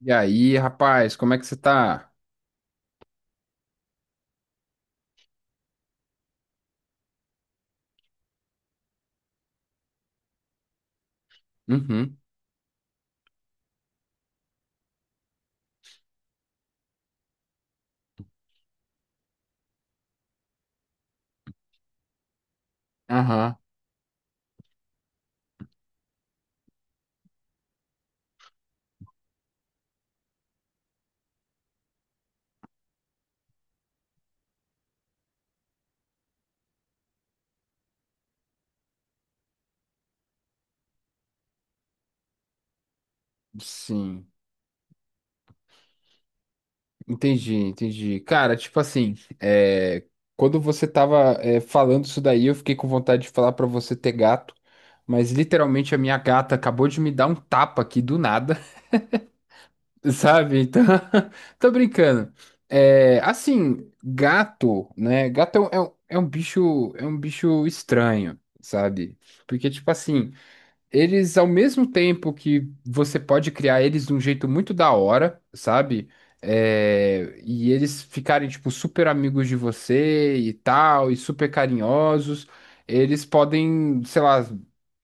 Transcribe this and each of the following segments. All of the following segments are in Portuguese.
E aí, rapaz, como é que você tá? Uhum. Aham. Sim. Entendi, entendi. Cara, tipo assim, quando você tava falando isso daí, eu fiquei com vontade de falar pra você ter gato, mas literalmente a minha gata acabou de me dar um tapa aqui do nada, sabe? Então, tô brincando. É, assim, gato, né? Gato é um, é um bicho, é um bicho estranho, sabe? Porque, tipo assim. Eles, ao mesmo tempo que você pode criar eles de um jeito muito da hora, sabe? É, e eles ficarem, tipo, super amigos de você e tal, e super carinhosos. Eles podem, sei lá,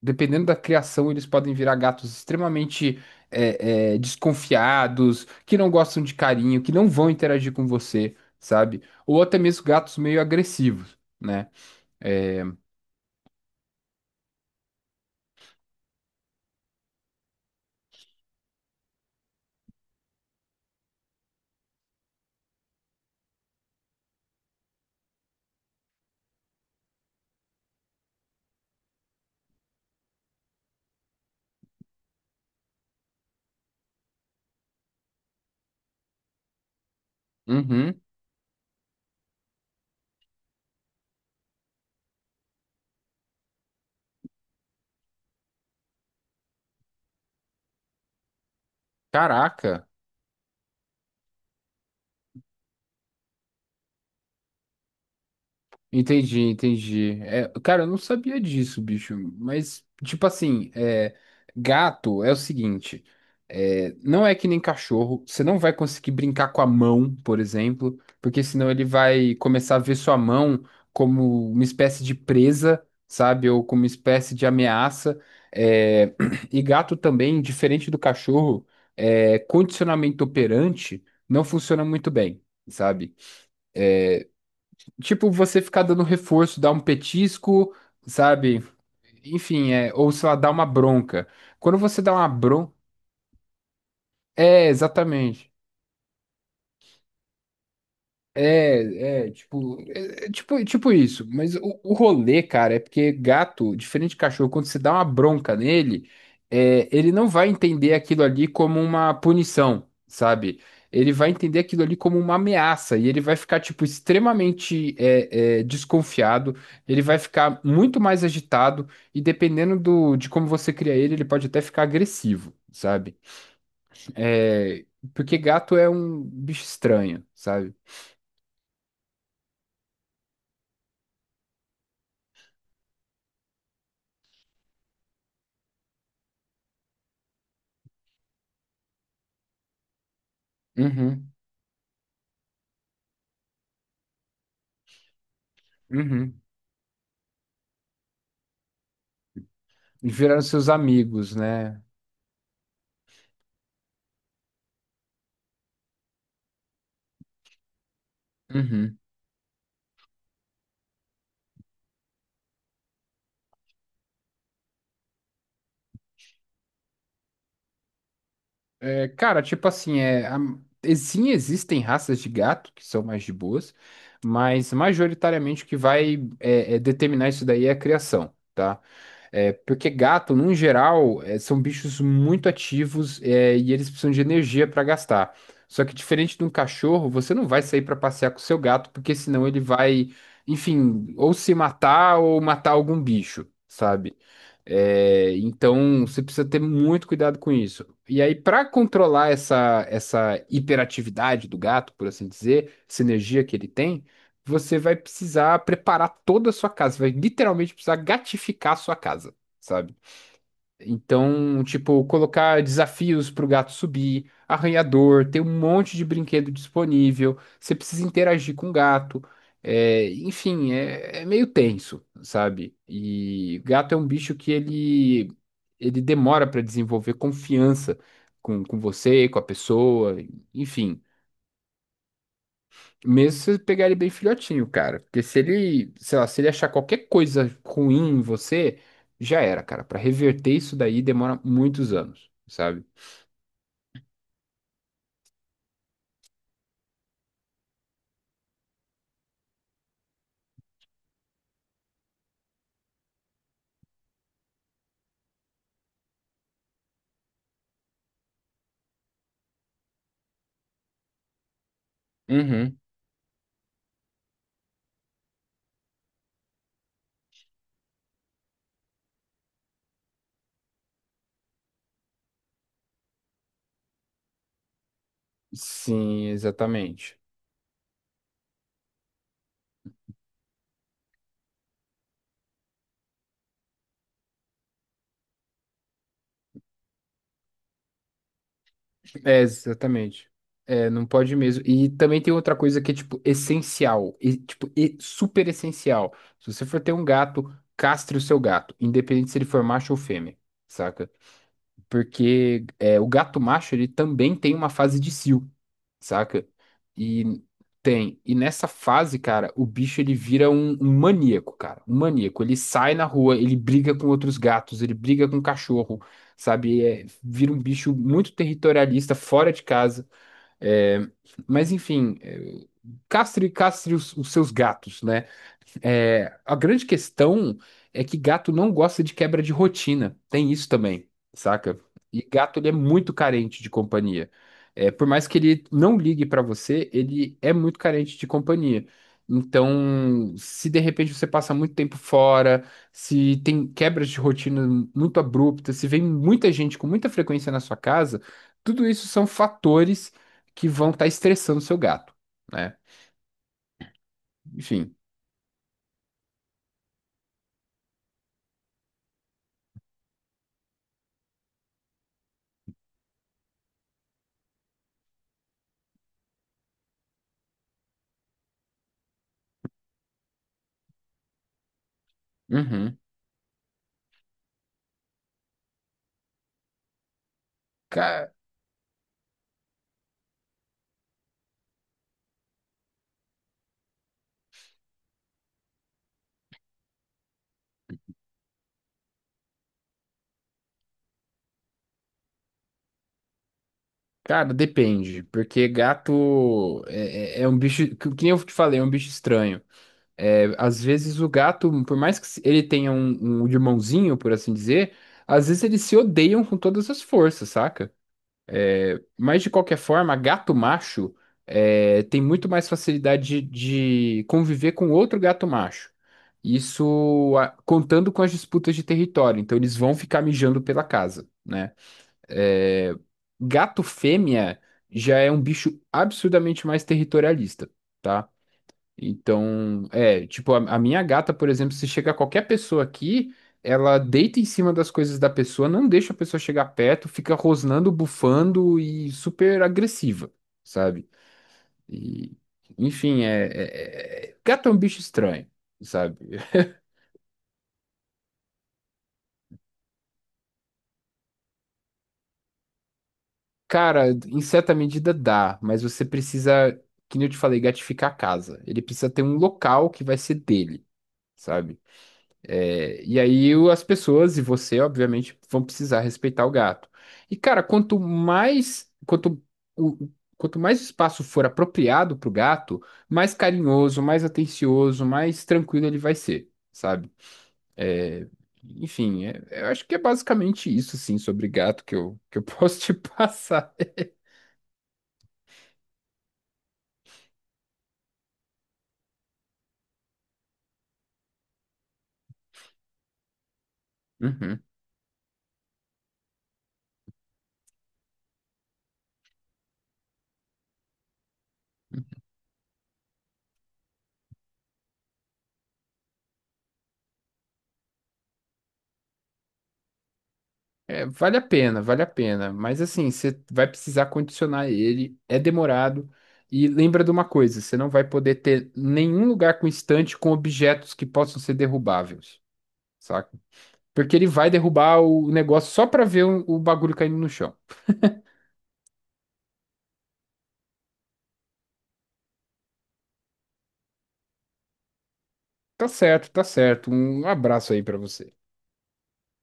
dependendo da criação, eles podem virar gatos extremamente desconfiados, que não gostam de carinho, que não vão interagir com você, sabe? Ou até mesmo gatos meio agressivos, né? É. Uhum. Caraca. Entendi, entendi. É, cara, eu não sabia disso, bicho. Mas, tipo assim, é, gato é o seguinte: é, não é que nem cachorro. Você não vai conseguir brincar com a mão, por exemplo, porque senão ele vai começar a ver sua mão como uma espécie de presa, sabe? Ou como uma espécie de ameaça. É, e gato também, diferente do cachorro, é, condicionamento operante não funciona muito bem. Sabe? Tipo, você ficar dando reforço, dar um petisco, sabe? Enfim, é, ou sei lá, dar uma bronca. Quando você dá uma bronca. É, exatamente. É tipo isso. Mas o rolê, cara, é porque gato, diferente de cachorro, quando você dá uma bronca nele, é, ele não vai entender aquilo ali como uma punição, sabe? Ele vai entender aquilo ali como uma ameaça e ele vai ficar, tipo, extremamente desconfiado, ele vai ficar muito mais agitado e dependendo do, de como você cria ele, ele pode até ficar agressivo, sabe? É, porque gato é um bicho estranho, sabe? Uhum. Uhum. E viraram seus amigos, né? Uhum. É, cara, tipo assim, sim, existem raças de gato que são mais de boas, mas majoritariamente o que vai determinar isso daí é a criação. Tá? É, porque gato, num geral, é, são bichos muito ativos, é, e eles precisam de energia para gastar. Só que diferente de um cachorro, você não vai sair para passear com o seu gato, porque senão ele vai, enfim, ou se matar ou matar algum bicho, sabe? É, então você precisa ter muito cuidado com isso. E aí, para controlar essa, essa hiperatividade do gato, por assim dizer, essa energia que ele tem você vai precisar preparar toda a sua casa, vai literalmente precisar gatificar a sua casa, sabe? Então, tipo, colocar desafios pro gato subir, arranhador, ter um monte de brinquedo disponível, você precisa interagir com o gato, é, enfim, é, é meio tenso, sabe? E gato é um bicho que ele demora para desenvolver confiança com você, com a pessoa, enfim. Mesmo se você pegar ele bem filhotinho, cara. Porque se ele, sei lá, se ele achar qualquer coisa ruim em você, já era, cara. Pra reverter isso daí demora muitos anos, sabe? Uhum. Sim, exatamente. É, exatamente. É, não pode mesmo. E também tem outra coisa que é, tipo, essencial. E, tipo, e super essencial. Se você for ter um gato, castre o seu gato, independente se ele for macho ou fêmea, saca? Porque é, o gato macho, ele também tem uma fase de cio. Saca? E tem. E nessa fase, cara, o bicho ele vira um, um maníaco, cara. Um maníaco. Ele sai na rua, ele briga com outros gatos, ele briga com cachorro, sabe? É, vira um bicho muito territorialista, fora de casa. É, mas enfim, é, castre, castre os seus gatos, né? É, a grande questão é que gato não gosta de quebra de rotina. Tem isso também, saca? E gato ele é muito carente de companhia. É, por mais que ele não ligue pra você, ele é muito carente de companhia. Então, se de repente você passa muito tempo fora, se tem quebras de rotina muito abruptas, se vem muita gente com muita frequência na sua casa, tudo isso são fatores que vão estar estressando o seu gato, né? Enfim. Uhum. Cara, depende, porque gato é um bicho, que nem eu te falei, é um bicho estranho. É, às vezes o gato, por mais que ele tenha um, um irmãozinho, por assim dizer, às vezes eles se odeiam com todas as forças, saca? Mas de qualquer forma, gato macho é, tem muito mais facilidade de conviver com outro gato macho. Isso contando com as disputas de território, então eles vão ficar mijando pela casa. Né? É, gato fêmea já é um bicho absurdamente mais territorialista, tá? Então, é, tipo, a minha gata, por exemplo, se chega qualquer pessoa aqui, ela deita em cima das coisas da pessoa, não deixa a pessoa chegar perto, fica rosnando, bufando e super agressiva, sabe? E, enfim, gato é um bicho estranho, sabe? Cara, em certa medida dá, mas você precisa, que nem eu te falei, gatificar a casa. Ele precisa ter um local que vai ser dele, sabe? É, e aí as pessoas e você, obviamente, vão precisar respeitar o gato. E, cara, o, quanto mais espaço for apropriado pro gato, mais carinhoso, mais atencioso, mais tranquilo ele vai ser, sabe? É, enfim, eu acho que é basicamente isso, assim, sobre gato que eu posso te passar. Uhum. É, vale a pena, vale a pena. Mas assim, você vai precisar condicionar ele, é demorado. E lembra de uma coisa, você não vai poder ter nenhum lugar com estante com objetos que possam ser derrubáveis, saca? Porque ele vai derrubar o negócio só pra ver o bagulho caindo no chão. Tá certo, tá certo. Um abraço aí pra você.